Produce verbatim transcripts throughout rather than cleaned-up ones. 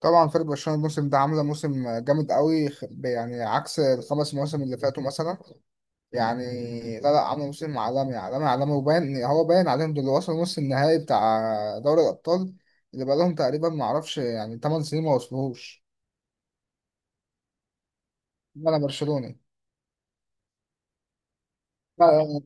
طبعا فريق برشلونه الموسم ده عامله موسم جامد قوي، خ- يعني عكس الخمس مواسم اللي فاتوا مثلا. يعني لا لا، عامله موسم عالمي عالمي عالمي، وباين، هو باين عليهم دول وصلوا نص النهائي بتاع دوري الابطال، اللي بقالهم تقريبا، ما اعرفش، يعني 8 سنين ما وصلوهوش. انا برشلوني. لا، لا،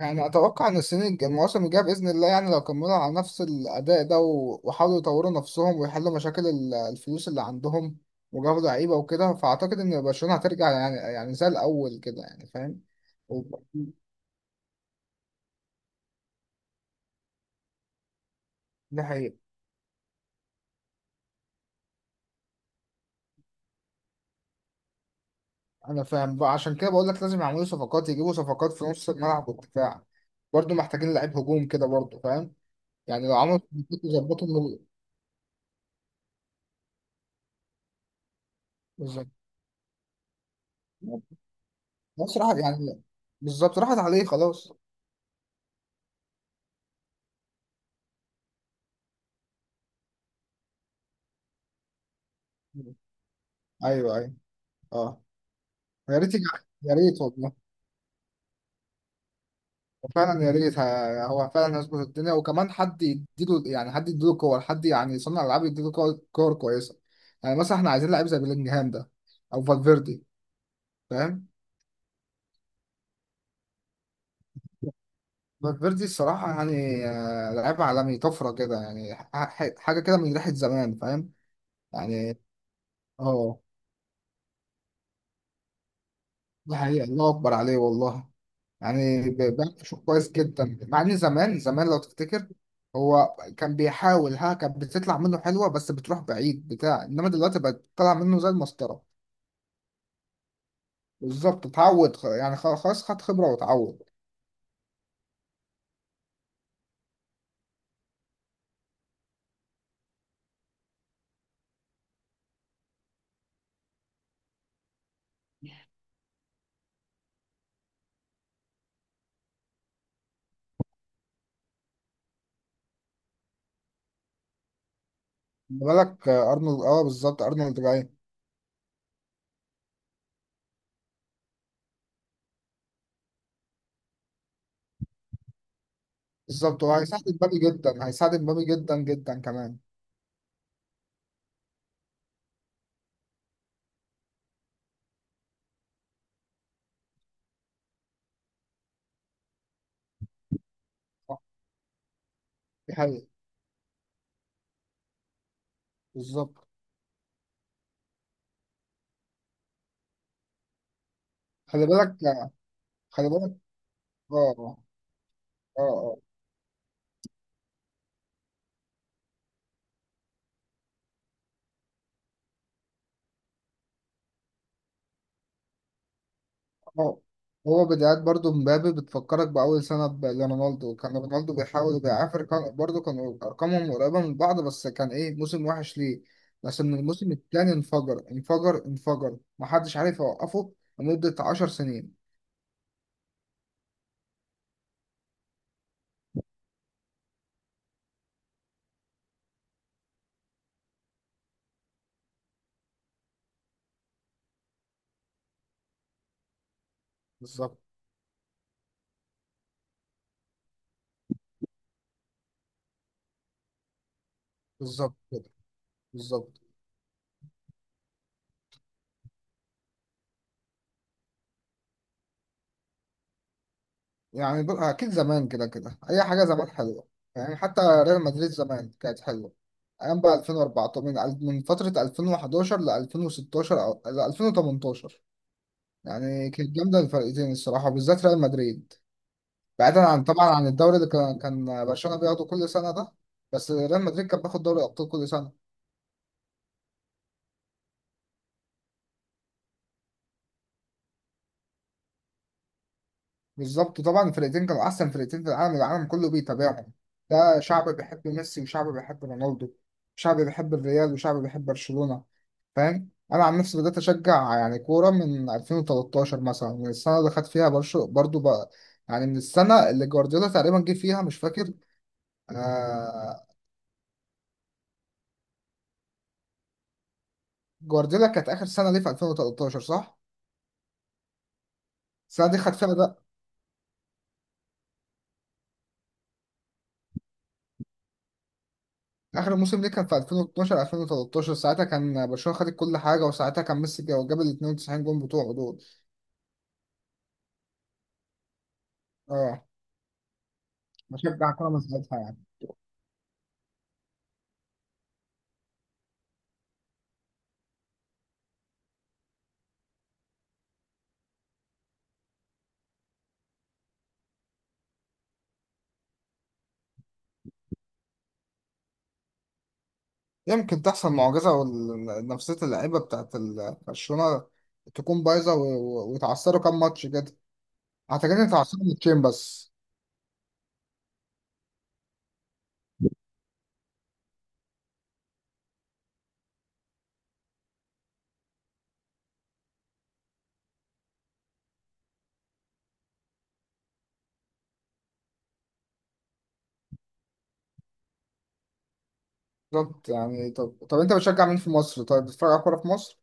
يعني اتوقع ان السنين الج- المواسم الجايه باذن الله، يعني لو كملوا على نفس الاداء ده و- وحاولوا يطوروا نفسهم ويحلوا مشاكل ال- الفلوس اللي عندهم وجابوا لعيبه وكده، فاعتقد ان برشلونه هترجع يعني يعني زي الاول كده، يعني فاهم. وب- دي حقيقه. انا فاهم بقى، عشان كده بقول لك لازم يعملوا صفقات، يجيبوا صفقات في نص الملعب والدفاع، برضه محتاجين لعيب هجوم كده، برضه فاهم. يعني لو عملوا صفقات يظبطوا الموضوع. بالظبط. بصراحه يعني بالظبط راحت عليه خلاص. ايوه ايوه. اه. يا ريت يجي- يا ريت والله. فعلا يا ريت، ه- هو فعلا هيظبط الدنيا، وكمان حد يديله، يعني حد يديله كور، حد يعني صنع العاب يديله كور كور كويسه. يعني مثلا احنا عايزين لعيب زي بيلينجهام ده، او فالفيردي. فاهم. فالفيردي الصراحه يعني آه، لعيب عالمي، طفره كده، يعني ح- ح- حاجه كده من ريحه زمان. فاهم يعني. اه. دي حقيقة، الله أكبر عليه والله. يعني ب- بيعمل شغل كويس جدا، مع إن زمان زمان لو تفتكر، هو كان بيحاول، ها كانت بتطلع منه حلوة بس بتروح بعيد بتاع، إنما دلوقتي بقت طالعة منه زي المسطرة. بالظبط اتعود، خ- يعني خ- خلاص، خد خبرة واتعود. خلي بالك آه، أرنولد، أه بالظبط أرنولد جاي. بالظبط، هو هيساعد مبابي جدا، هيساعد مبابي جدا جدا كمان. آه، دي حقيقة. بالظبط. خلي بالك. خلي بالك. اه اه اه. هو هو بدايات برضو مبابي، بتفكرك بأول سنة ب- لرونالدو. كان رونالدو بيحاول وبيعافر، كان برضو، كان أرقامهم قريبة من بعض، بس كان إيه، موسم وحش ليه. بس من الموسم التاني انفجر انفجر انفجر، محدش عارف يوقفه لمدة عشر سنين. بالظبط. بالظبط كده. بالظبط. يعني دول أكيد زمان، كده كده أي حاجة زمان حلوة. يعني حتى ريال مدريد زمان كانت حلوة. أيام بقى ألفين وأربعة عشر، من من فترة ألفين وحداشر ل ألفين وستاشر أو ل ألفين وتمنتاشر. يعني كانت جامده الفرقتين الصراحه، وبالذات ريال مدريد. بعيدا عن، طبعا، عن الدوري اللي كان كان برشلونه بياخده كل سنه ده. بس ريال مدريد كان بياخد دوري ابطال كل سنه. بالظبط، طبعا الفرقتين كانوا احسن فرقتين في العالم، العالم كله بيتابعهم. ده شعب بيحب ميسي وشعب بيحب رونالدو، شعب بيحب الريال وشعب بيحب برشلونه. فاهم. انا عن نفسي بدات اشجع يعني كوره من ألفين وتلتاشر مثلا، من السنه اللي خد فيها برشو برضو بقى، يعني من السنه اللي جوارديولا تقريبا جه فيها، مش فاكر. آه، جوارديولا كانت اخر سنه ليه في ألفين وتلتاشر، صح؟ السنه دي خد فيها بقى. اخر موسم ليه كان في ألفين واثني عشر ألفين وتلتاشر، ساعتها كان برشلونه خدت كل حاجه، وساعتها كان ميسي جا- جاب ال اتنين وتسعين جون بتوعه دول. اه. بشجع كرة من ساعتها يعني. يمكن تحصل معجزه، ونفسيه اللعيبه بتاعت ال- برشلونه تكون بايظه، و- و- ويتعثروا كام ماتش كده. اعتقد ان اتعثروا ماتشين بس. بالظبط. يعني، طب طب انت بتشجع مين في مصر؟ طيب بتتفرج على كوره في مصر؟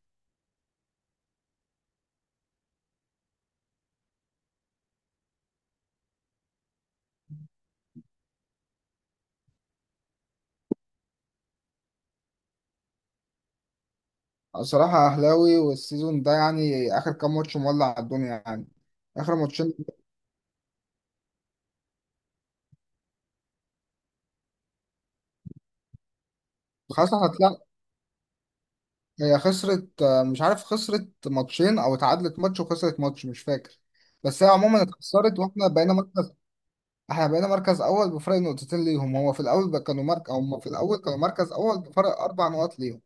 صراحة أهلاوي، والسيزون ده يعني آخر كام ماتش مولع الدنيا يعني. آخر ماتشين. خلاص هتلاقي. هي خسرت آه، مش عارف، خسرت ماتشين أو اتعادلت ماتش وخسرت ماتش، مش فاكر. بس هي عموما اتخسرت، واحنا بقينا مركز، احنا بقينا مركز أول بفرق نقطتين ليهم. هو في الأول بقى كانوا مركز، هم في الأول كانوا مركز أول بفرق أربع نقط ليهم.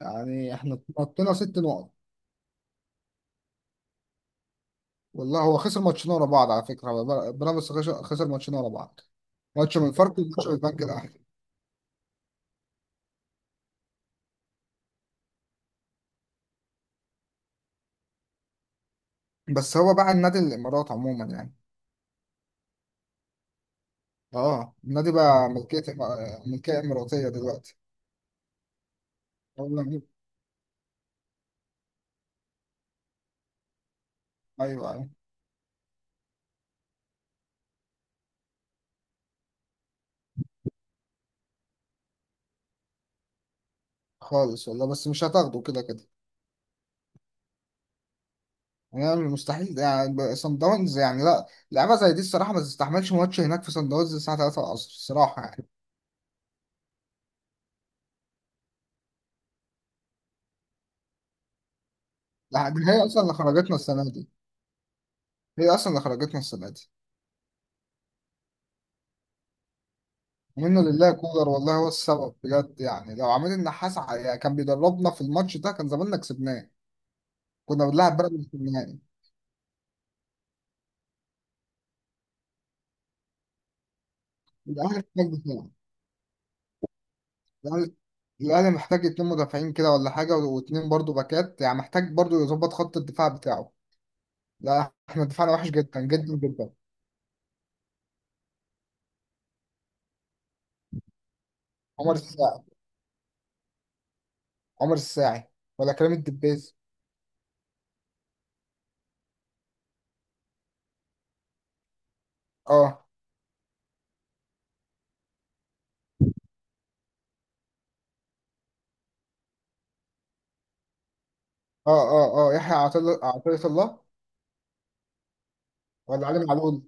يعني احنا نطينا ست نقط. والله هو خسر ماتشين ورا بعض على فكرة، بيراميدز خسر خسر ماتشين ورا بعض. ماتش من الفرق وماتش من البنك الأهلي. بس هو بقى النادي الامارات عموما يعني. اه النادي بقى ملكيه، ملكيه اماراتيه دلوقتي. والله. ايوه ايوه. خالص والله، بس مش هتاخده كده كده، يعني مستحيل، يعني صن داونز، يعني لا. لعبه زي دي الصراحه ما تستحملش، ماتش هناك في صن داونز الساعه ثلاثة العصر الصراحه يعني. لا، دي هي اصلا اللي خرجتنا السنه دي، هي اصلا اللي خرجتنا السنه دي. ومنه لله كولر والله هو السبب بجد، يعني لو عماد النحاس ع- يعني كان بيدربنا في الماتش ده، كان زماننا كسبناه، كنا بنلعب بيراميدز في النهائي. الاهلي كسبنا. الأهلي، الأهلي محتاج اتنين مدافعين كده ولا حاجة، واتنين برضو باكات، يعني محتاج برضو يظبط خط الدفاع بتاعه. لا، احنا دفاعنا وحش جدا جدا جدا. عمر الساعي، عمر الساعي، ولا كريم الدبيس؟ اه اه اه اه. يحيى عطية عطية الله، ولا علي معلول؟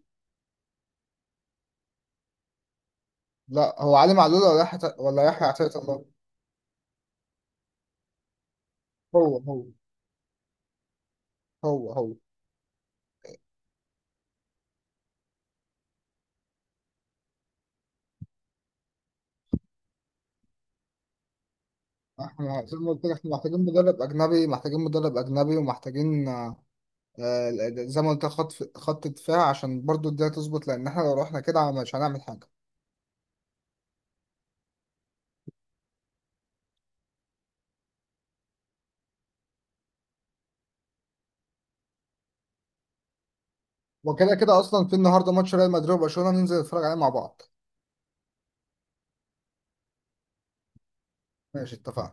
لا، هو علي معلول ولا يحيى، ولا يحيى عطية الله. هو هو. هو هو. احنا زي ما قلت لك، احنا محتاجين مدرب أجنبي، محتاجين مدرب أجنبي ومحتاجين آه، زي ما قلت، خط خط دفاع عشان برضو الدنيا تظبط، لان احنا لو رحنا كده مش هنعمل حاجه. وكده كده اصلا في النهارده ماتش ريال مدريد وبرشلونه، ننزل نتفرج عليه مع بعض. ماشي، اتفقنا.